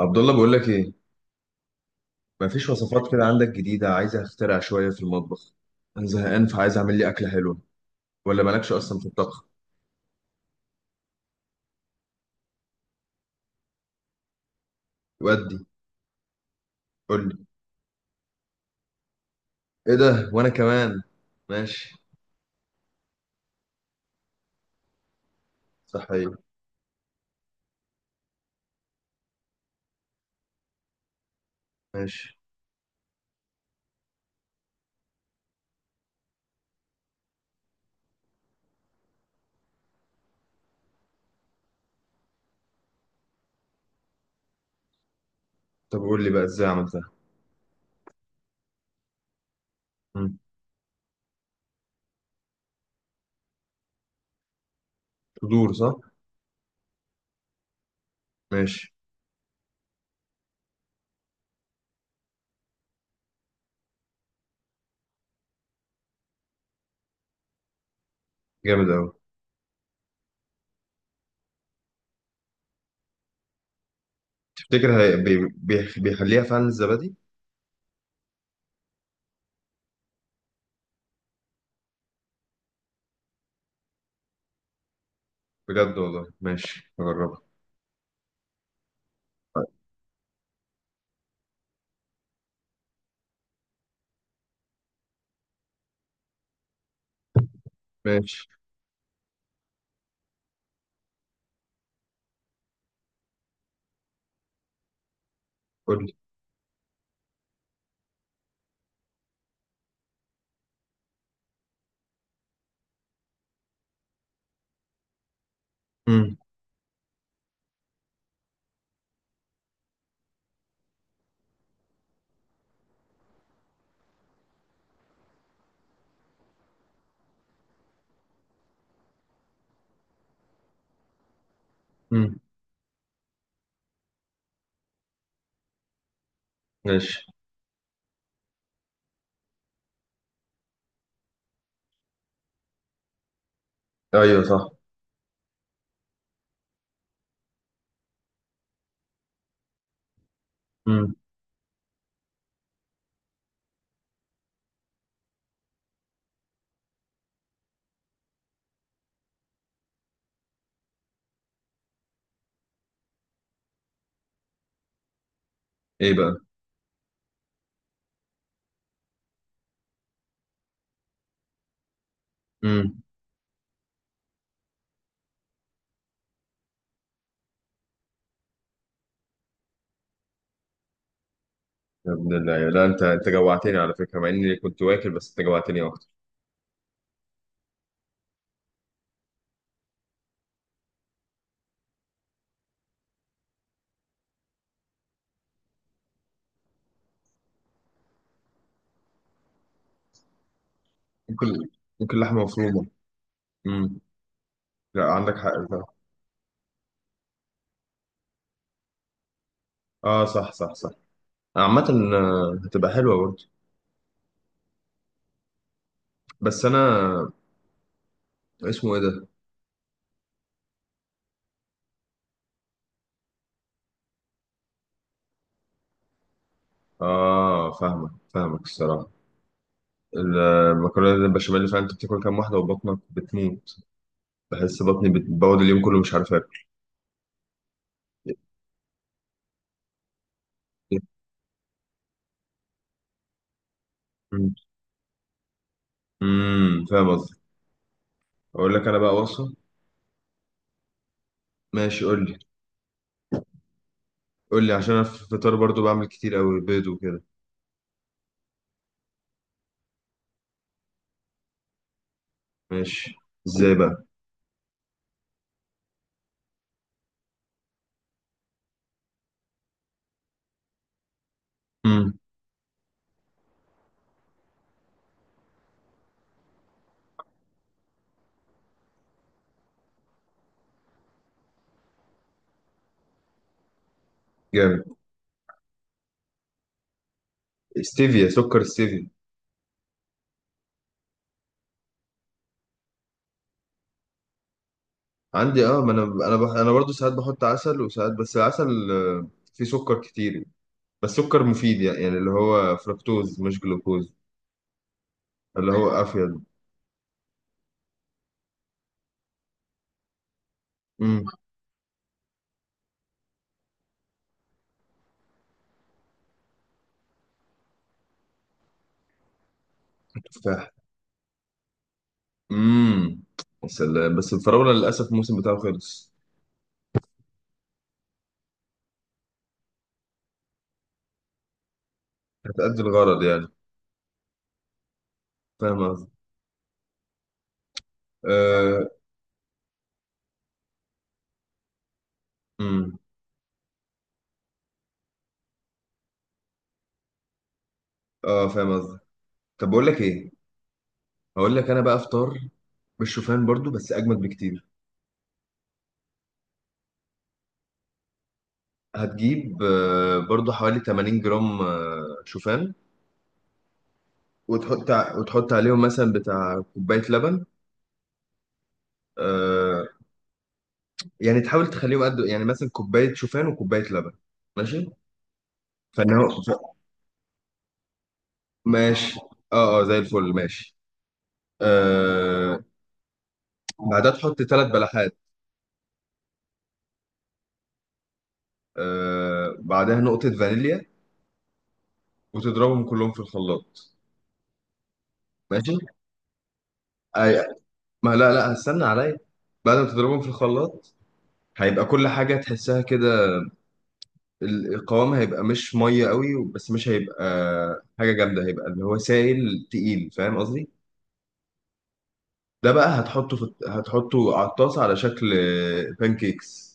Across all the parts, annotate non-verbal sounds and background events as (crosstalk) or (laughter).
عبد الله، بقول لك ايه؟ مفيش وصفات كده عندك جديده؟ عايز اخترع شويه في المطبخ. انا زهقان، فعايز اعمل لي اكله حلوه، ولا مالكش اصلا في الطبخ؟ ودي. قول لي. ايه ده، وانا كمان. ماشي. صحيح. ماشي. طب قول لي بقى ازاي عملتها. مم. صدور، صح؟ ماشي. جامد قوي. تفتكر هي بيخليها فعلا الزبادي؟ بجد والله، ماشي، هجربها. طيب، ماشي. قول لي. مم. مم. ماشي. ايوه صح. مم. ايه بقى؟ مم. يا ابن الله، لا، انت جوعتني على فكره، مع اني كنت واكل، بس انت جوعتني اكتر. ممكن. ممكن لحمه مفرومه. امم. لا، عندك حق فعلا. اه، صح صح صح. عامه. آه، هتبقى حلوه برضه. بس انا. اسمه ايه ده؟ اه، فاهمك فاهمك، الصراحه. المكرونه البشاميل، اللي فعلا انت بتاكل كام واحده وبطنك بتموت. بحس بطني بتبوظ، اليوم كله مش عارف اكل. امم. فاهم قصدي؟ اقول لك انا بقى وصفه. ماشي، قول لي. قول لي، عشان انا في الفطار برضو بعمل كتير قوي، بيض وكده. ماشي. ازاي بقى؟ امم. جامد. ستيفيا، سكر ستيفيا. عندي، اه، ما انا انا برضو ساعات بحط عسل وساعات، بس العسل فيه سكر كتير. بس سكر مفيد، يعني اللي هو فركتوز مش جلوكوز. اللي هو افيد. امم. تفاح. امم. يا سلام، بس الفراولة للاسف الموسم بتاعه خلص. هتأدي الغرض يعني. فاهم قصدي؟ آه... امم. اه، فاهم قصدي. طب بقول لك ايه. هقول لك انا بقى افطار بالشوفان برضو، بس اجمد بكتير. هتجيب برضو حوالي 80 جرام شوفان. وتحط عليهم مثلا بتاع كوباية لبن. آه، يعني تحاول تخليهم قد، يعني مثلا كوباية شوفان وكوباية لبن. ماشي. فان هو ف- ماشي. اه، اه، زي الفل، ماشي. آه، بعدها تحط 3 بلحات. بعدها نقطة فانيليا، وتضربهم كلهم في الخلاط. ماشي. أي- ما، لا، لا، هستنى عليا. بعد ما تضربهم في الخلاط، هيبقى كل حاجة تحسها كده. القوام هيبقى مش ميه قوي، بس مش هيبقى حاجه جامده، هيبقى اللي هو سائل تقيل، فاهم قصدي؟ ده بقى هتحطه على الطاسه على شكل بانكيكس.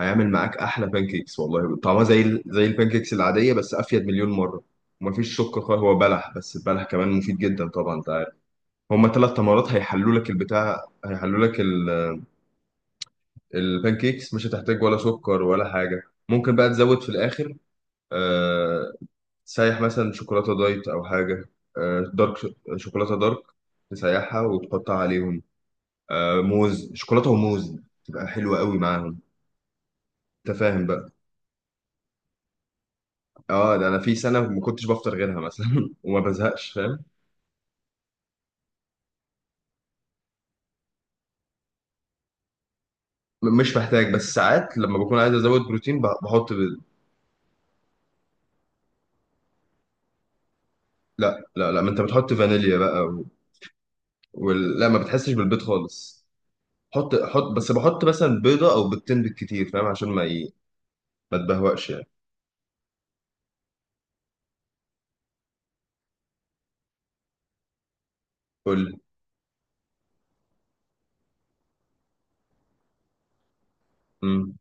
هيعمل معاك احلى بانكيكس، والله طعمها زي البانكيكس العاديه، بس افيد مليون مره. ومفيش سكر خالص، هو بلح، بس البلح كمان مفيد جدا، طبعا انت عارف. هما 3 تمرات، هيحلوا لك البتاع، هيحلوا لك البانكيكس، مش هتحتاج ولا سكر ولا حاجه. ممكن بقى تزود في الاخر. آه، تسيح مثلا شوكولاتة دايت أو حاجة. آه، دارك ش- شوكولاتة دارك، تسيحها وتحطها عليهم. موز، شوكولاتة وموز، تبقى حلوة قوي معاهم. أنت فاهم بقى؟ اه، ده انا في سنه ما كنتش بفطر غيرها مثلا (laughs) وما بزهقش، فاهم؟ مش محتاج، بس ساعات لما بكون عايز ازود بروتين، بحط. لا، لا، لا، ما انت بتحط فانيليا بقى. لا، ما بتحسش بالبيض خالص. حط حط، بس بحط مثلا بيضه او بيضتين بالكتير، فاهم؟ عشان ما تبهوأش يعني. قول لي.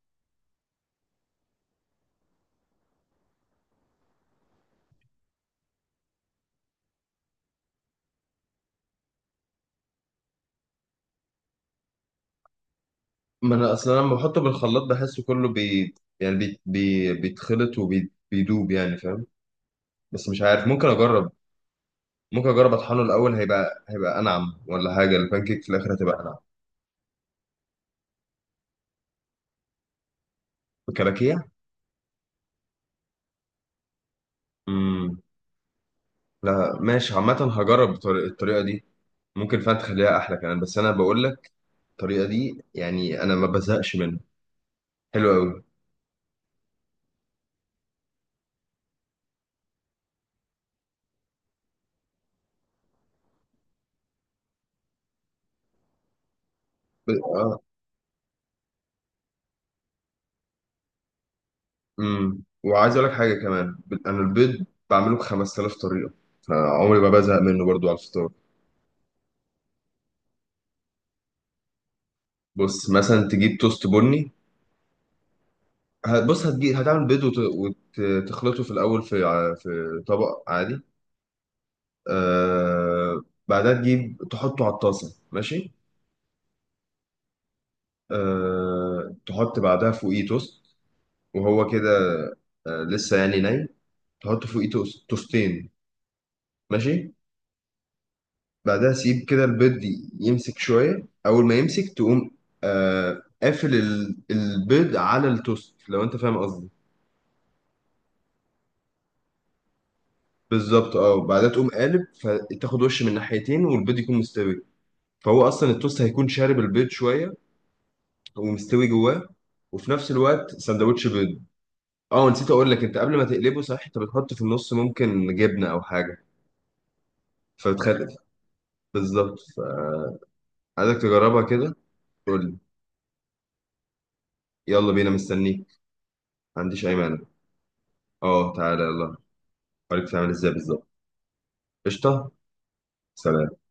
ما انا اصلا لما بحطه بالخلاط، بحسه كله يعني بيتخلط وبيدوب يعني، فاهم؟ بس مش عارف، ممكن اجرب. ممكن اجرب اطحنه الاول، هيبقى انعم، ولا حاجه البانكيك في الاخر هتبقى انعم. الكلاكيع. امم. لا، ماشي، عامه. هجرب الطريقه دي. ممكن فعلا تخليها احلى كمان، بس انا بقول لك الطريقه دي يعني انا ما بزهقش منها، حلوه قوي. اه. امم. وعايز اقول لك حاجه كمان، انا البيض بعمله ب 5,000 طريقه، فعمري ما بزهق منه برضو على الفطار. بص مثلا تجيب توست بني. بص، هتجيب هتعمل بيض، وتخلطه في الأول في طبق عادي. آه بعدها تجيب تحطه على الطاسة، ماشي. تحط بعدها فوقيه توست، وهو كده. لسه يعني ناي، تحط فوقيه توست توستين. ماشي. بعدها سيب كده البيض يمسك شوية، أول ما يمسك تقوم قافل البيض على التوست، لو أنت فاهم قصدي. بالظبط، اه، وبعدها تقوم قالب، فتاخد وش من ناحيتين والبيض يكون مستوي، فهو اصلا التوست هيكون شارب البيض شويه، ومستوي جواه، وفي نفس الوقت سندوتش بيض. اه، نسيت اقول لك، انت قبل ما تقلبه، صح؟ انت بتحط في النص ممكن جبنه او حاجه، فبتخلي. بالظبط. فعايزك تجربها كده. قول لي. يلا بينا، مستنيك، ما عنديش اي مانع. اه، تعالى يلا، اوريك تعمل ازاي بالظبط. قشطه. سلام.